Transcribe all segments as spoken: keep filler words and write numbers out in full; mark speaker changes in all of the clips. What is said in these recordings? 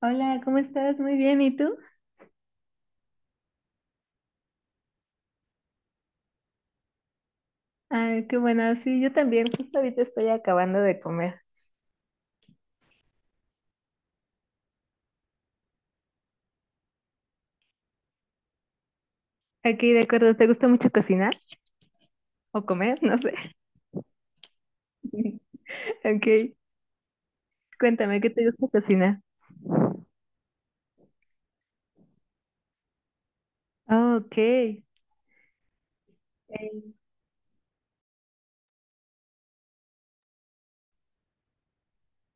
Speaker 1: Hola, ¿cómo estás? Muy bien, ¿y tú? Ah, qué bueno, sí, yo también, justo ahorita estoy acabando de comer. Aquí, de acuerdo, ¿te gusta mucho cocinar o comer? No sé. Ok, cuéntame, ¿qué te gusta cocinar? Oh, ok. Eh,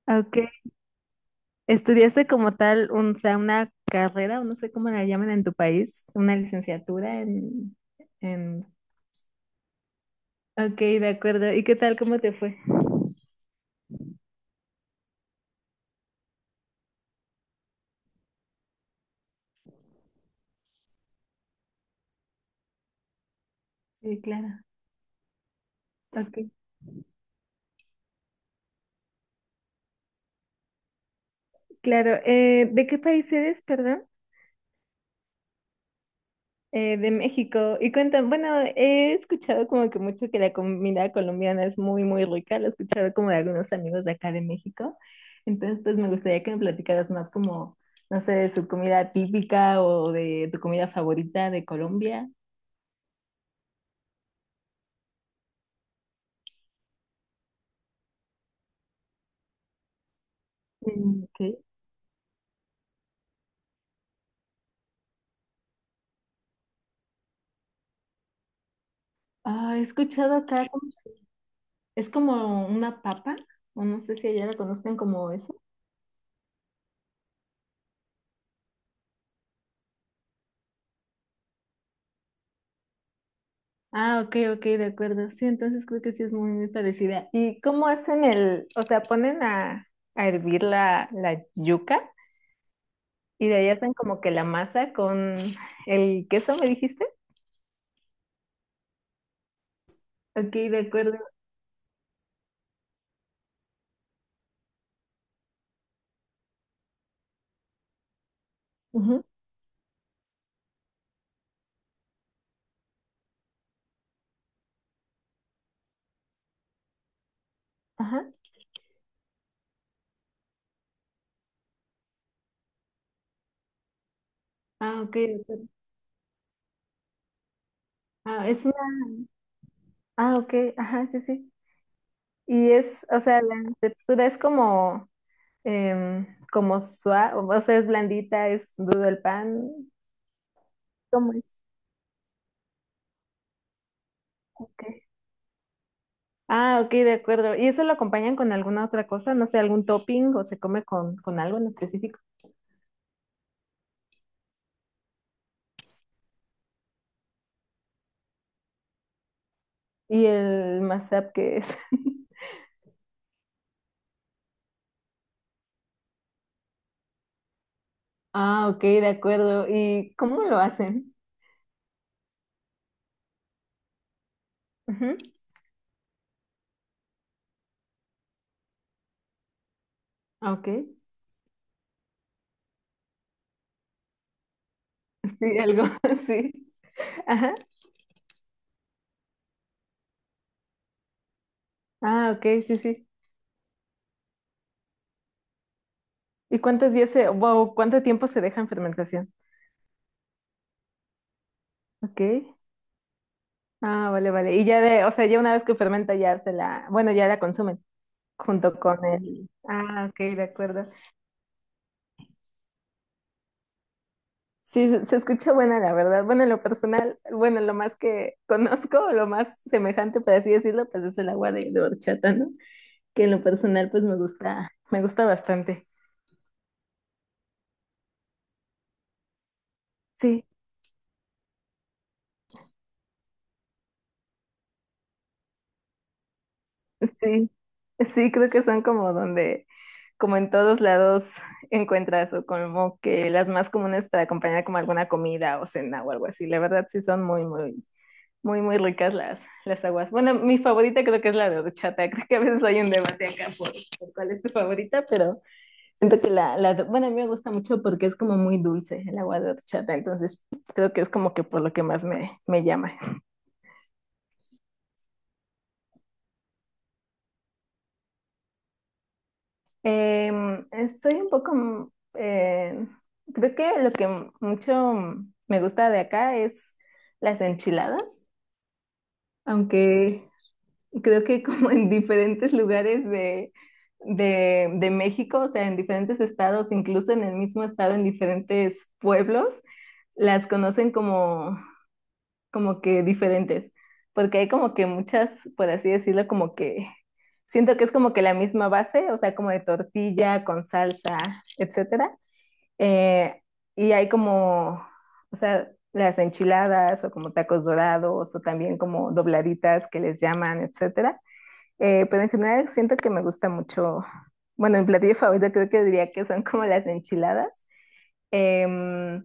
Speaker 1: Ok. ¿Estudiaste como tal un, o sea, una carrera o no sé cómo la llaman en tu país? ¿Una licenciatura en, en... Ok, de acuerdo. ¿Y qué tal? ¿Cómo te fue? Sí, claro. Ok, claro. Eh, ¿de qué país eres, perdón? Eh, de México. Y cuentan, bueno, he escuchado como que mucho que la comida colombiana es muy, muy rica. Lo he escuchado como de algunos amigos de acá de México. Entonces, pues me gustaría que me platicaras más como, no sé, de su comida típica o de tu comida favorita de Colombia. Mm, ok. Ah, he escuchado acá, como es como una papa, o no sé si allá la conozcan como eso. Ah, ok, ok, de acuerdo. Sí, entonces creo que sí es muy, muy parecida. ¿Y cómo hacen el, o sea, ponen a, a hervir la, la yuca y de ahí hacen como que la masa con el queso, ¿me dijiste? Ok, de acuerdo. Ujú, ajá. Ah, ok, de acuerdo. Ah, es una, ah, ok, ajá, sí, sí. Y es, o sea, la textura es como, em, como suave, o sea, es blandita, ¿es duro el pan? ¿Cómo es? Ok. Ah, ok, de acuerdo. ¿Y eso lo acompañan con alguna otra cosa? No sé, ¿algún topping o se come con, con algo en específico? ¿Y el mashup qué es? Ah, ok, de acuerdo. ¿Y cómo lo hacen? Ujú. Ah, ok. Sí, algo, sí. Ajá. Ah, ok, sí, sí. ¿Y cuántos días se, wow, cuánto tiempo se deja en fermentación? Ok. Ah, vale, vale. Y ya de, o sea, ya una vez que fermenta ya se la, bueno, ya la consumen junto con el. Ah, ok, de acuerdo. Sí, se se escucha buena, la verdad. Bueno, en lo personal, bueno, lo más que conozco, lo más semejante, por así decirlo, pues es el agua de, de horchata, ¿no? Que en lo personal, pues me gusta, me gusta bastante. Sí, sí, sí, creo que son como donde, como en todos lados encuentras o como que las más comunes para acompañar como alguna comida o cena o algo así. La verdad, sí son muy, muy, muy, muy ricas las, las aguas. Bueno, mi favorita creo que es la de horchata. Creo que a veces hay un debate acá por, por cuál es tu favorita, pero... Siento que la, la, bueno, a mí me gusta mucho porque es como muy dulce el agua de horchata, entonces creo que es como que por lo que más me, me llama. Em, Eh, soy un poco, mm, eh, creo que lo que m- mucho mm, me gusta de acá es las enchiladas, aunque creo que como en diferentes lugares de, de, de México, o sea, en diferentes estados, incluso en el mismo estado, en diferentes pueblos, las conocen como como que diferentes, porque hay como que muchas, por así decirlo, como que siento que es como que la misma base, o sea, como de tortilla con salsa, etcétera. Eh, y hay como, o sea, las enchiladas o como tacos dorados o también como dobladitas que les llaman, etcétera. Eh, pero en general siento que me gusta mucho, bueno, mi platillo favorito creo que diría que son como las enchiladas. Em,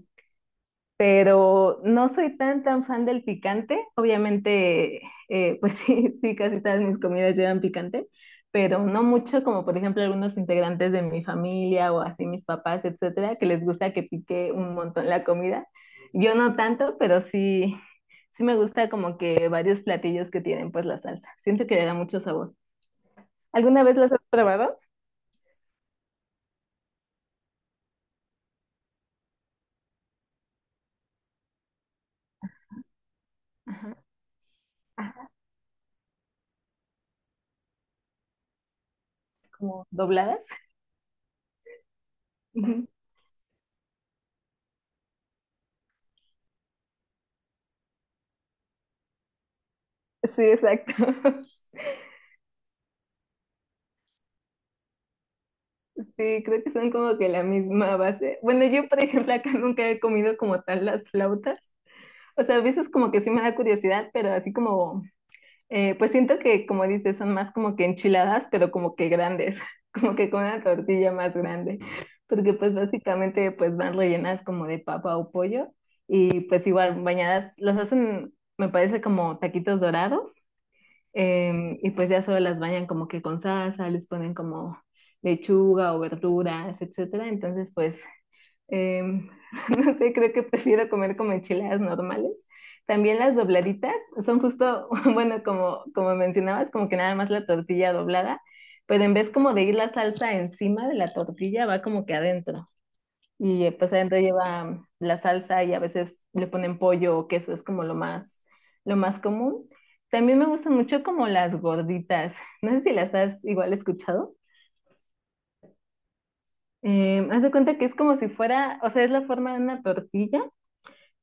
Speaker 1: pero no soy tan tan fan del picante. Obviamente, eh, pues sí, sí, casi todas mis comidas llevan picante, pero no mucho como por ejemplo algunos integrantes de mi familia o así mis papás, etcétera, que les gusta que pique un montón la comida. Yo no tanto, pero sí, sí me gusta como que varios platillos que tienen pues la salsa. Siento que le da mucho sabor. ¿Alguna vez las has probado? Ajá, ajá, como dobladas. Ujú. Sí, exacto. Sí, creo que son como que la misma base. Bueno, yo, por ejemplo, acá nunca he comido como tal las flautas. O sea, a veces como que sí me da curiosidad, pero así como, eh, pues siento que, como dices, son más como que enchiladas, pero como que grandes, como que con una tortilla más grande, porque pues básicamente pues van rellenas como de papa o pollo y pues igual bañadas, los hacen, me parece como taquitos dorados. Em, y pues ya solo las bañan como que con salsa, les ponen como lechuga o verduras, etcétera. Entonces, pues, em, no sé, creo que prefiero comer como enchiladas normales. También las dobladitas son justo, bueno, como, como mencionabas, como que nada más la tortilla doblada, pero en vez como de ir la salsa encima de la tortilla, va como que adentro. Y eh, pues adentro lleva la salsa y a veces le ponen pollo o queso, es como lo más, lo más común. También me gustan mucho como las gorditas. No sé si las has igual escuchado. Eh, haz de cuenta que es como si fuera, o sea, es la forma de una tortilla,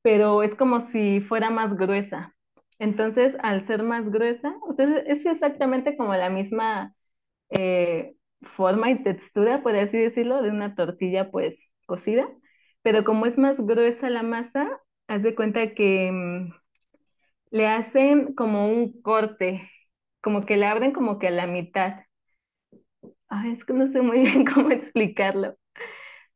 Speaker 1: pero es como si fuera más gruesa. Entonces, al ser más gruesa, o sea, es exactamente como la misma eh, forma y textura, por así decirlo, de una tortilla pues cocida, pero como es más gruesa la masa, haz de cuenta que mm, le hacen como un corte, como que le abren como que a la mitad. Ay, es que no sé muy bien cómo explicarlo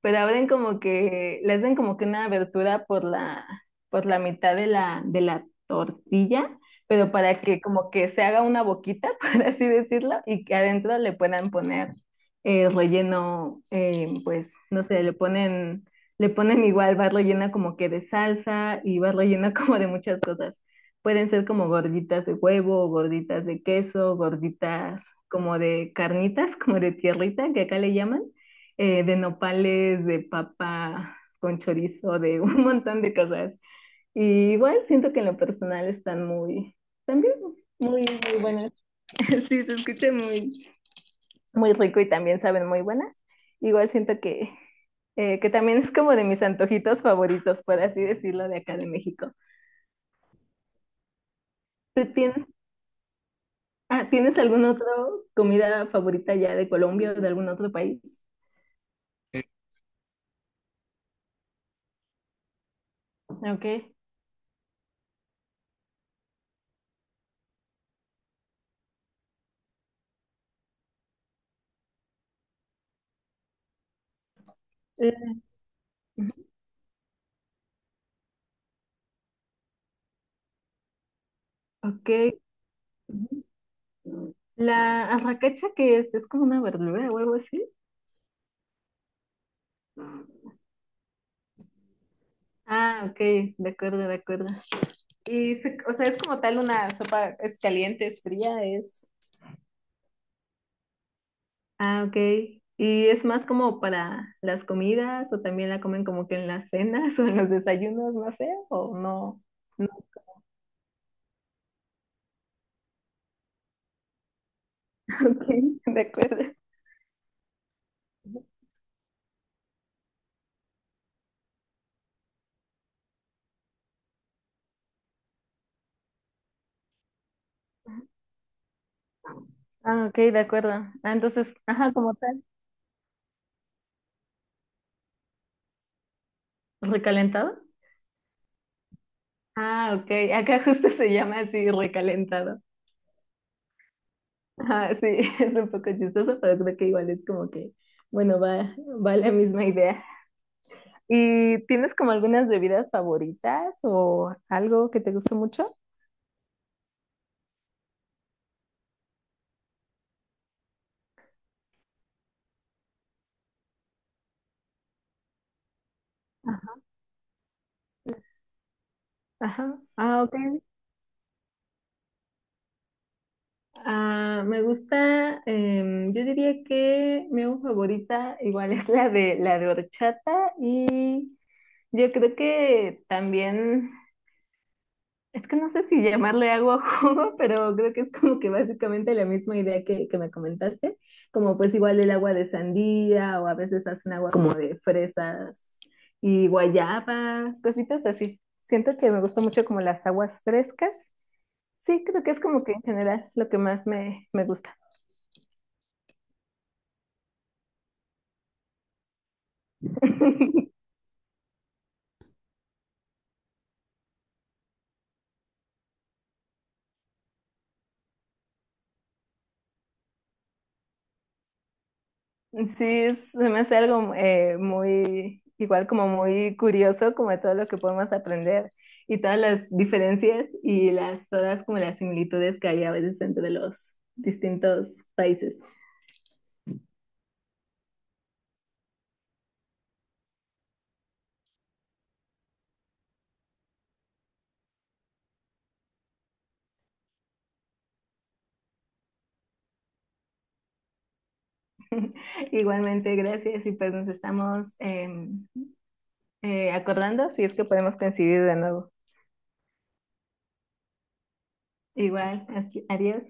Speaker 1: pero abren como que, le hacen como que una abertura por la, por la mitad de la, de la tortilla, pero para que como que se haga una boquita, por así decirlo, y que adentro le puedan poner eh, relleno, eh, pues, no sé, le ponen, le ponen igual, va rellena como que de salsa y va rellena como de muchas cosas. Pueden ser como gorditas de huevo, gorditas de queso, gorditas como de carnitas, como de tierrita, que acá le llaman eh, de nopales, de papa con chorizo, de un montón de cosas. Y igual siento que en lo personal están muy, también muy, muy buenas. Sí, se escucha muy, muy rico y también saben muy buenas. Igual siento que, eh, que también es como de mis antojitos favoritos, por así decirlo, de acá de México. ¿Tú tienes, ah, ¿Tienes alguna otra comida favorita ya de Colombia o de algún otro país? Ok. Eh, Ok. La arracacha que es, ¿es como una verdura o algo así? Ah, ok, de acuerdo, de acuerdo. Y, se- o sea, es como tal una sopa, ¿es caliente, es fría, es...? Ah, ok. ¿Y es más como para las comidas o también la comen como que en las cenas o en los desayunos, no sé, o no? No. Ok, de acuerdo. Ah, ok, de acuerdo. Ah, entonces, ajá, como tal. ¿Recalentado? Ah, ok. Acá justo se llama así, recalentado. Ajá, sí, es un poco chistoso, pero creo que igual es como que, bueno, va, va la misma idea. ¿Y tienes como algunas bebidas favoritas o algo que te guste mucho? Ajá. Ajá. Ah, ok. Ah, me gusta, em, yo diría que mi agua favorita igual es la de la de horchata y yo creo que también. Es que no sé si llamarle agua o jugo, pero creo que es como que básicamente la misma idea que, que me comentaste, como pues igual el agua de sandía o a veces hacen agua como de fresas y guayaba, cositas así. Siento que me gusta mucho como las aguas frescas. Sí, creo que es como que en general lo que más me, me gusta. Sí, se me hace algo eh, muy, igual como muy curioso, como de todo lo que podemos aprender y todas las diferencias y las, todas como las similitudes que hay a veces entre los distintos países. Igualmente, gracias y pues nos estamos em, eh, acordando si es que podemos coincidir de nuevo. Igual, así- adiós.